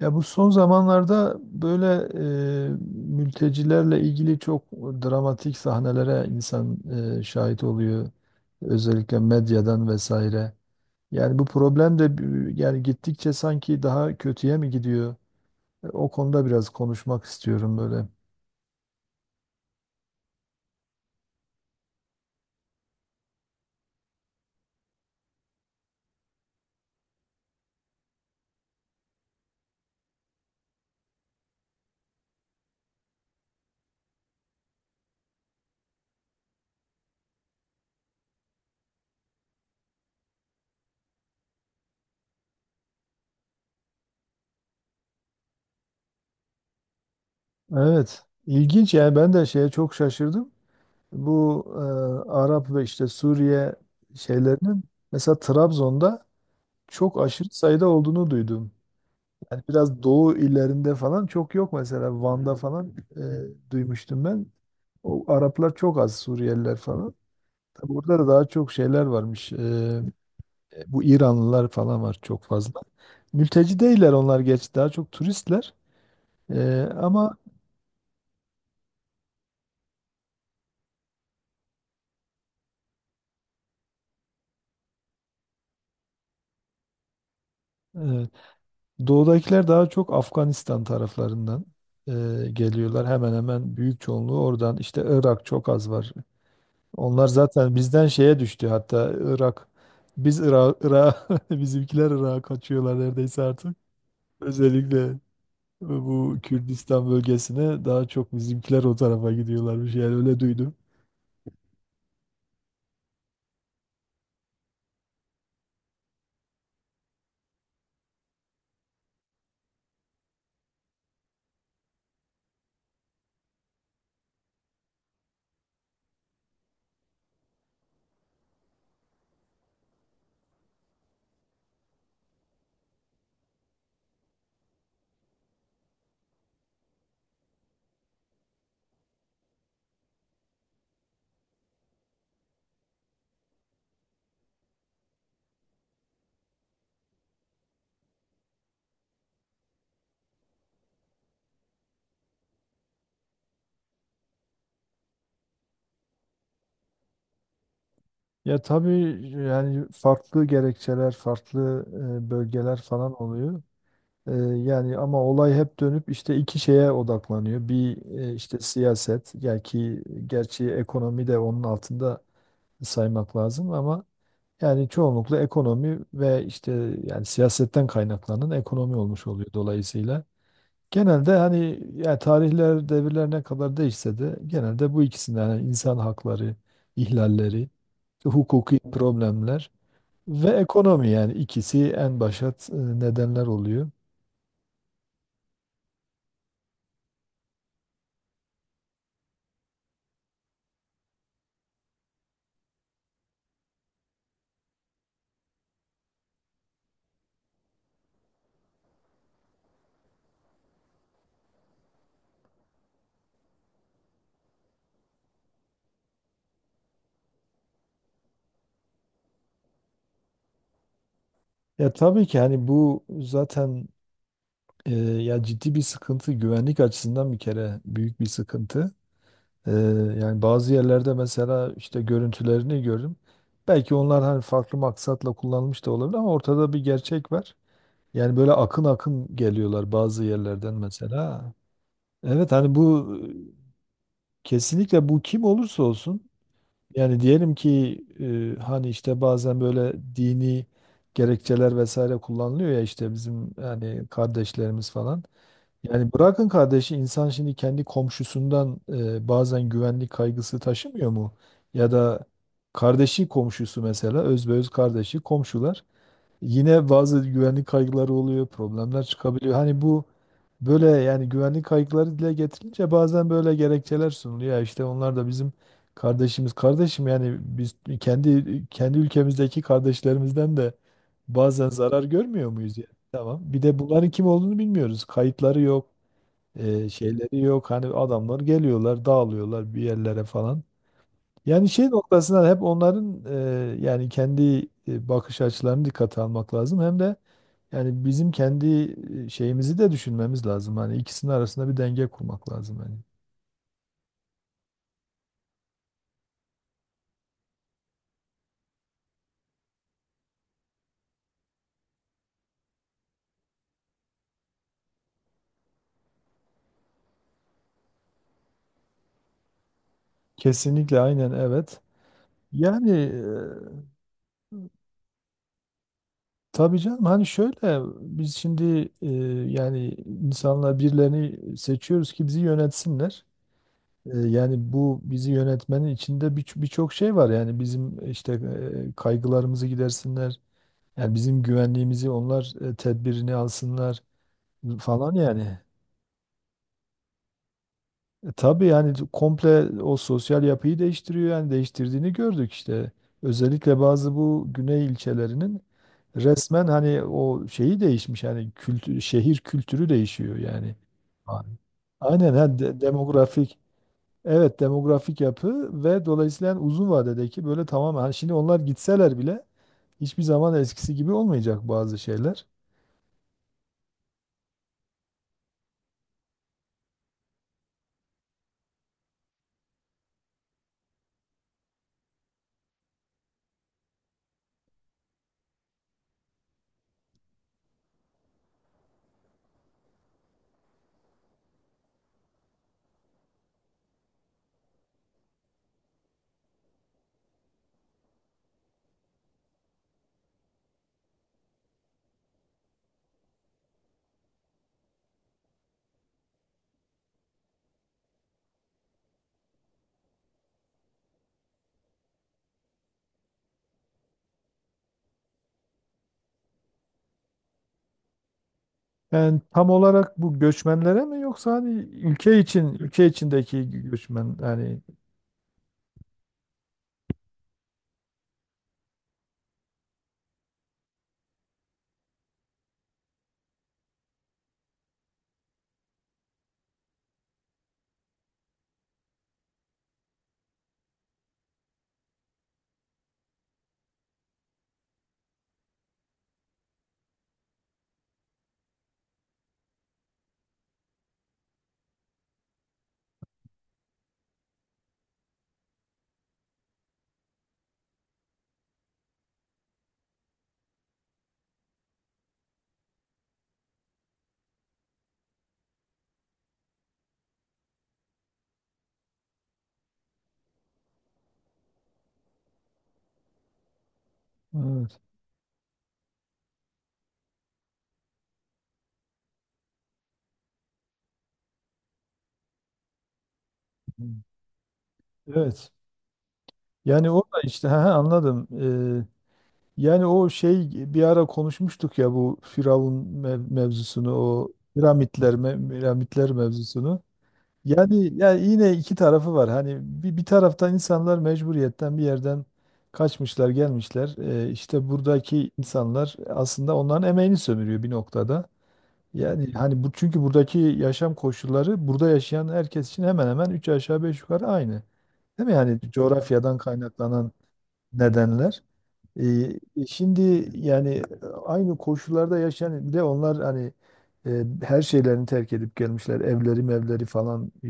Ya bu son zamanlarda böyle mültecilerle ilgili çok dramatik sahnelere insan şahit oluyor. Özellikle medyadan vesaire. Yani bu problem de yani gittikçe sanki daha kötüye mi gidiyor? O konuda biraz konuşmak istiyorum böyle. Evet, ilginç yani ben de şeye çok şaşırdım. Bu Arap ve işte Suriye şeylerinin mesela Trabzon'da çok aşırı sayıda olduğunu duydum. Yani biraz doğu illerinde falan çok yok mesela Van'da falan duymuştum ben. O Araplar çok az Suriyeliler falan. Tabii burada da daha çok şeyler varmış. Bu İranlılar falan var çok fazla. Mülteci değiller onlar geç daha çok turistler. Ama e, doğudakiler daha çok Afganistan taraflarından e, geliyorlar. Hemen hemen büyük çoğunluğu oradan. İşte Irak çok az var. Onlar zaten bizden şeye düştü hatta Irak. Biz Irak, Irak bizimkiler Irak'a kaçıyorlar neredeyse artık. Özellikle bu Kürdistan bölgesine daha çok bizimkiler o tarafa gidiyorlarmış. Yani öyle duydum. Ya tabii yani farklı gerekçeler, farklı bölgeler falan oluyor. E, yani ama olay hep dönüp işte iki şeye odaklanıyor. Bir işte siyaset, yani ki gerçi ekonomi de onun altında saymak lazım ama yani çoğunlukla ekonomi ve işte yani siyasetten kaynaklanan ekonomi olmuş oluyor dolayısıyla. Genelde hani yani tarihler, devirler ne kadar değişse de genelde bu ikisinden yani insan hakları ihlalleri, hukuki problemler ve ekonomi yani ikisi en başat nedenler oluyor. Ya tabii ki hani bu zaten ya ciddi bir sıkıntı güvenlik açısından bir kere büyük bir sıkıntı. E, yani bazı yerlerde mesela işte görüntülerini gördüm. Belki onlar hani farklı maksatla kullanılmış da olabilir ama ortada bir gerçek var. Yani böyle akın akın geliyorlar bazı yerlerden mesela. Evet hani bu kesinlikle bu kim olursa olsun. Yani diyelim ki hani işte bazen böyle dini gerekçeler vesaire kullanılıyor ya işte bizim yani kardeşlerimiz falan. Yani bırakın kardeşi insan şimdi kendi komşusundan bazen güvenlik kaygısı taşımıyor mu? Ya da kardeşi komşusu mesela özbeöz kardeşi komşular. Yine bazı güvenlik kaygıları oluyor, problemler çıkabiliyor. Hani bu böyle yani güvenlik kaygıları dile getirince bazen böyle gerekçeler sunuluyor. Ya İşte onlar da bizim kardeşimiz. Kardeşim yani biz kendi ülkemizdeki kardeşlerimizden de bazen zarar görmüyor muyuz yani? Tamam. Bir de bunların kim olduğunu bilmiyoruz. Kayıtları yok, şeyleri yok. Hani adamlar geliyorlar, dağılıyorlar bir yerlere falan. Yani şey noktasından hep onların yani kendi bakış açılarını dikkate almak lazım. Hem de yani bizim kendi şeyimizi de düşünmemiz lazım. Hani ikisinin arasında bir denge kurmak lazım yani. Kesinlikle aynen evet. Yani tabii canım hani şöyle biz şimdi yani insanlar birilerini seçiyoruz ki bizi yönetsinler. Yani bu bizi yönetmenin içinde birçok şey var. Yani bizim işte kaygılarımızı gidersinler. Yani bizim güvenliğimizi onlar tedbirini alsınlar falan yani. Tabii yani komple o sosyal yapıyı değiştiriyor yani değiştirdiğini gördük işte. Özellikle bazı bu güney ilçelerinin resmen hani o şeyi değişmiş yani kültür, şehir kültürü değişiyor yani. Aynen. Aynen ha, demografik evet demografik yapı ve dolayısıyla yani uzun vadedeki böyle tamamen hani şimdi onlar gitseler bile hiçbir zaman eskisi gibi olmayacak bazı şeyler. Yani tam olarak bu göçmenlere mi yoksa hani ülke için ülke içindeki göçmen yani evet. Evet. Yani o da işte ha, ha, anladım. Ee, yani o şey bir ara konuşmuştuk ya bu Firavun mevzusunu o piramitler piramitler mevzusunu. Yani yine iki tarafı var. Hani bir taraftan insanlar mecburiyetten bir yerden kaçmışlar, gelmişler. İşte buradaki insanlar aslında onların emeğini sömürüyor bir noktada. Yani hani bu çünkü buradaki yaşam koşulları burada yaşayan herkes için hemen hemen üç aşağı beş yukarı aynı. Değil mi? Yani coğrafyadan kaynaklanan nedenler. Ee, şimdi yani aynı koşullarda yaşayan bir de onlar hani her şeylerini terk edip gelmişler. Evleri mevleri falan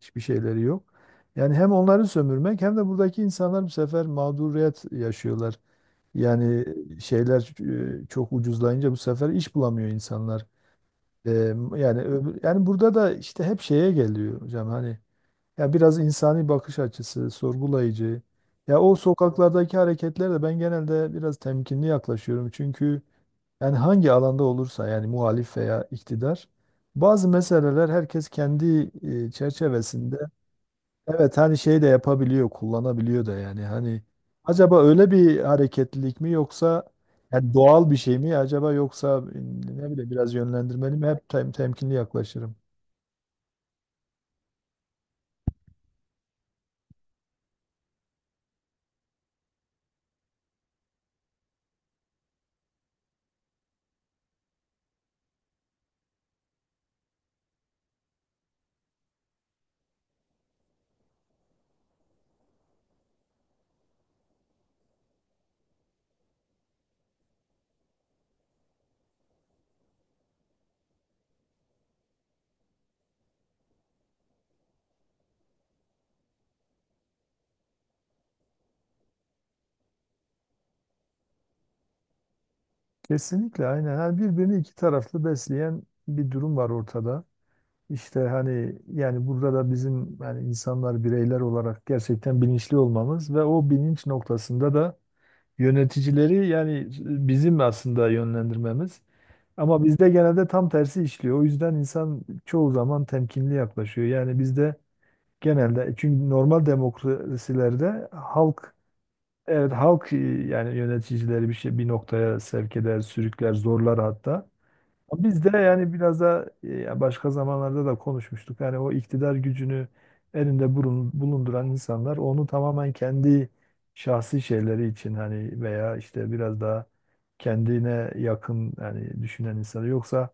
hiçbir şeyleri yok. Yani hem onları sömürmek hem de buradaki insanlar bu sefer mağduriyet yaşıyorlar. Yani şeyler çok ucuzlayınca bu sefer iş bulamıyor insanlar. E, yani yani burada da işte hep şeye geliyor hocam hani ya biraz insani bakış açısı, sorgulayıcı. Ya o sokaklardaki hareketlerle ben genelde biraz temkinli yaklaşıyorum. Çünkü yani hangi alanda olursa yani muhalif veya iktidar bazı meseleler herkes kendi çerçevesinde evet hani şey de yapabiliyor, kullanabiliyor da yani hani acaba öyle bir hareketlilik mi yoksa yani doğal bir şey mi acaba yoksa ne bileyim biraz yönlendirmeli mi? Hep temkinli yaklaşırım. Kesinlikle aynen. Yani birbirini iki taraflı besleyen bir durum var ortada. İşte hani yani burada da bizim yani insanlar bireyler olarak gerçekten bilinçli olmamız ve o bilinç noktasında da yöneticileri yani bizim aslında yönlendirmemiz. Ama bizde genelde tam tersi işliyor. O yüzden insan çoğu zaman temkinli yaklaşıyor. Yani bizde genelde çünkü normal demokrasilerde halk evet halk yani yöneticileri bir şey bir noktaya sevk eder, sürükler, zorlar hatta. Biz de yani biraz da başka zamanlarda da konuşmuştuk. Yani o iktidar gücünü elinde bulunduran insanlar onu tamamen kendi şahsi şeyleri için hani veya işte biraz daha kendine yakın yani düşünen insanı yoksa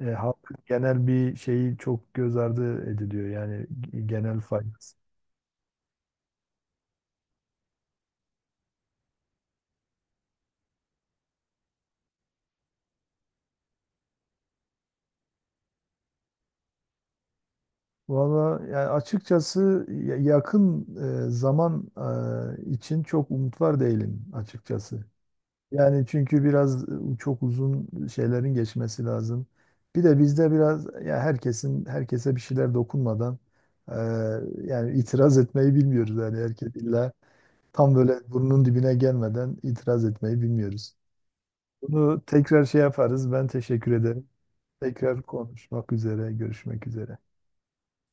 halkın genel bir şeyi çok göz ardı ediliyor yani genel faydası. Valla yani açıkçası yakın zaman için çok umut var değilim açıkçası. Yani çünkü biraz çok uzun şeylerin geçmesi lazım. Bir de bizde biraz ya herkesin herkese bir şeyler dokunmadan e, yani itiraz etmeyi bilmiyoruz yani herkes illa tam böyle burnunun dibine gelmeden itiraz etmeyi bilmiyoruz. Bunu tekrar şey yaparız. Ben teşekkür ederim. Tekrar konuşmak üzere, görüşmek üzere.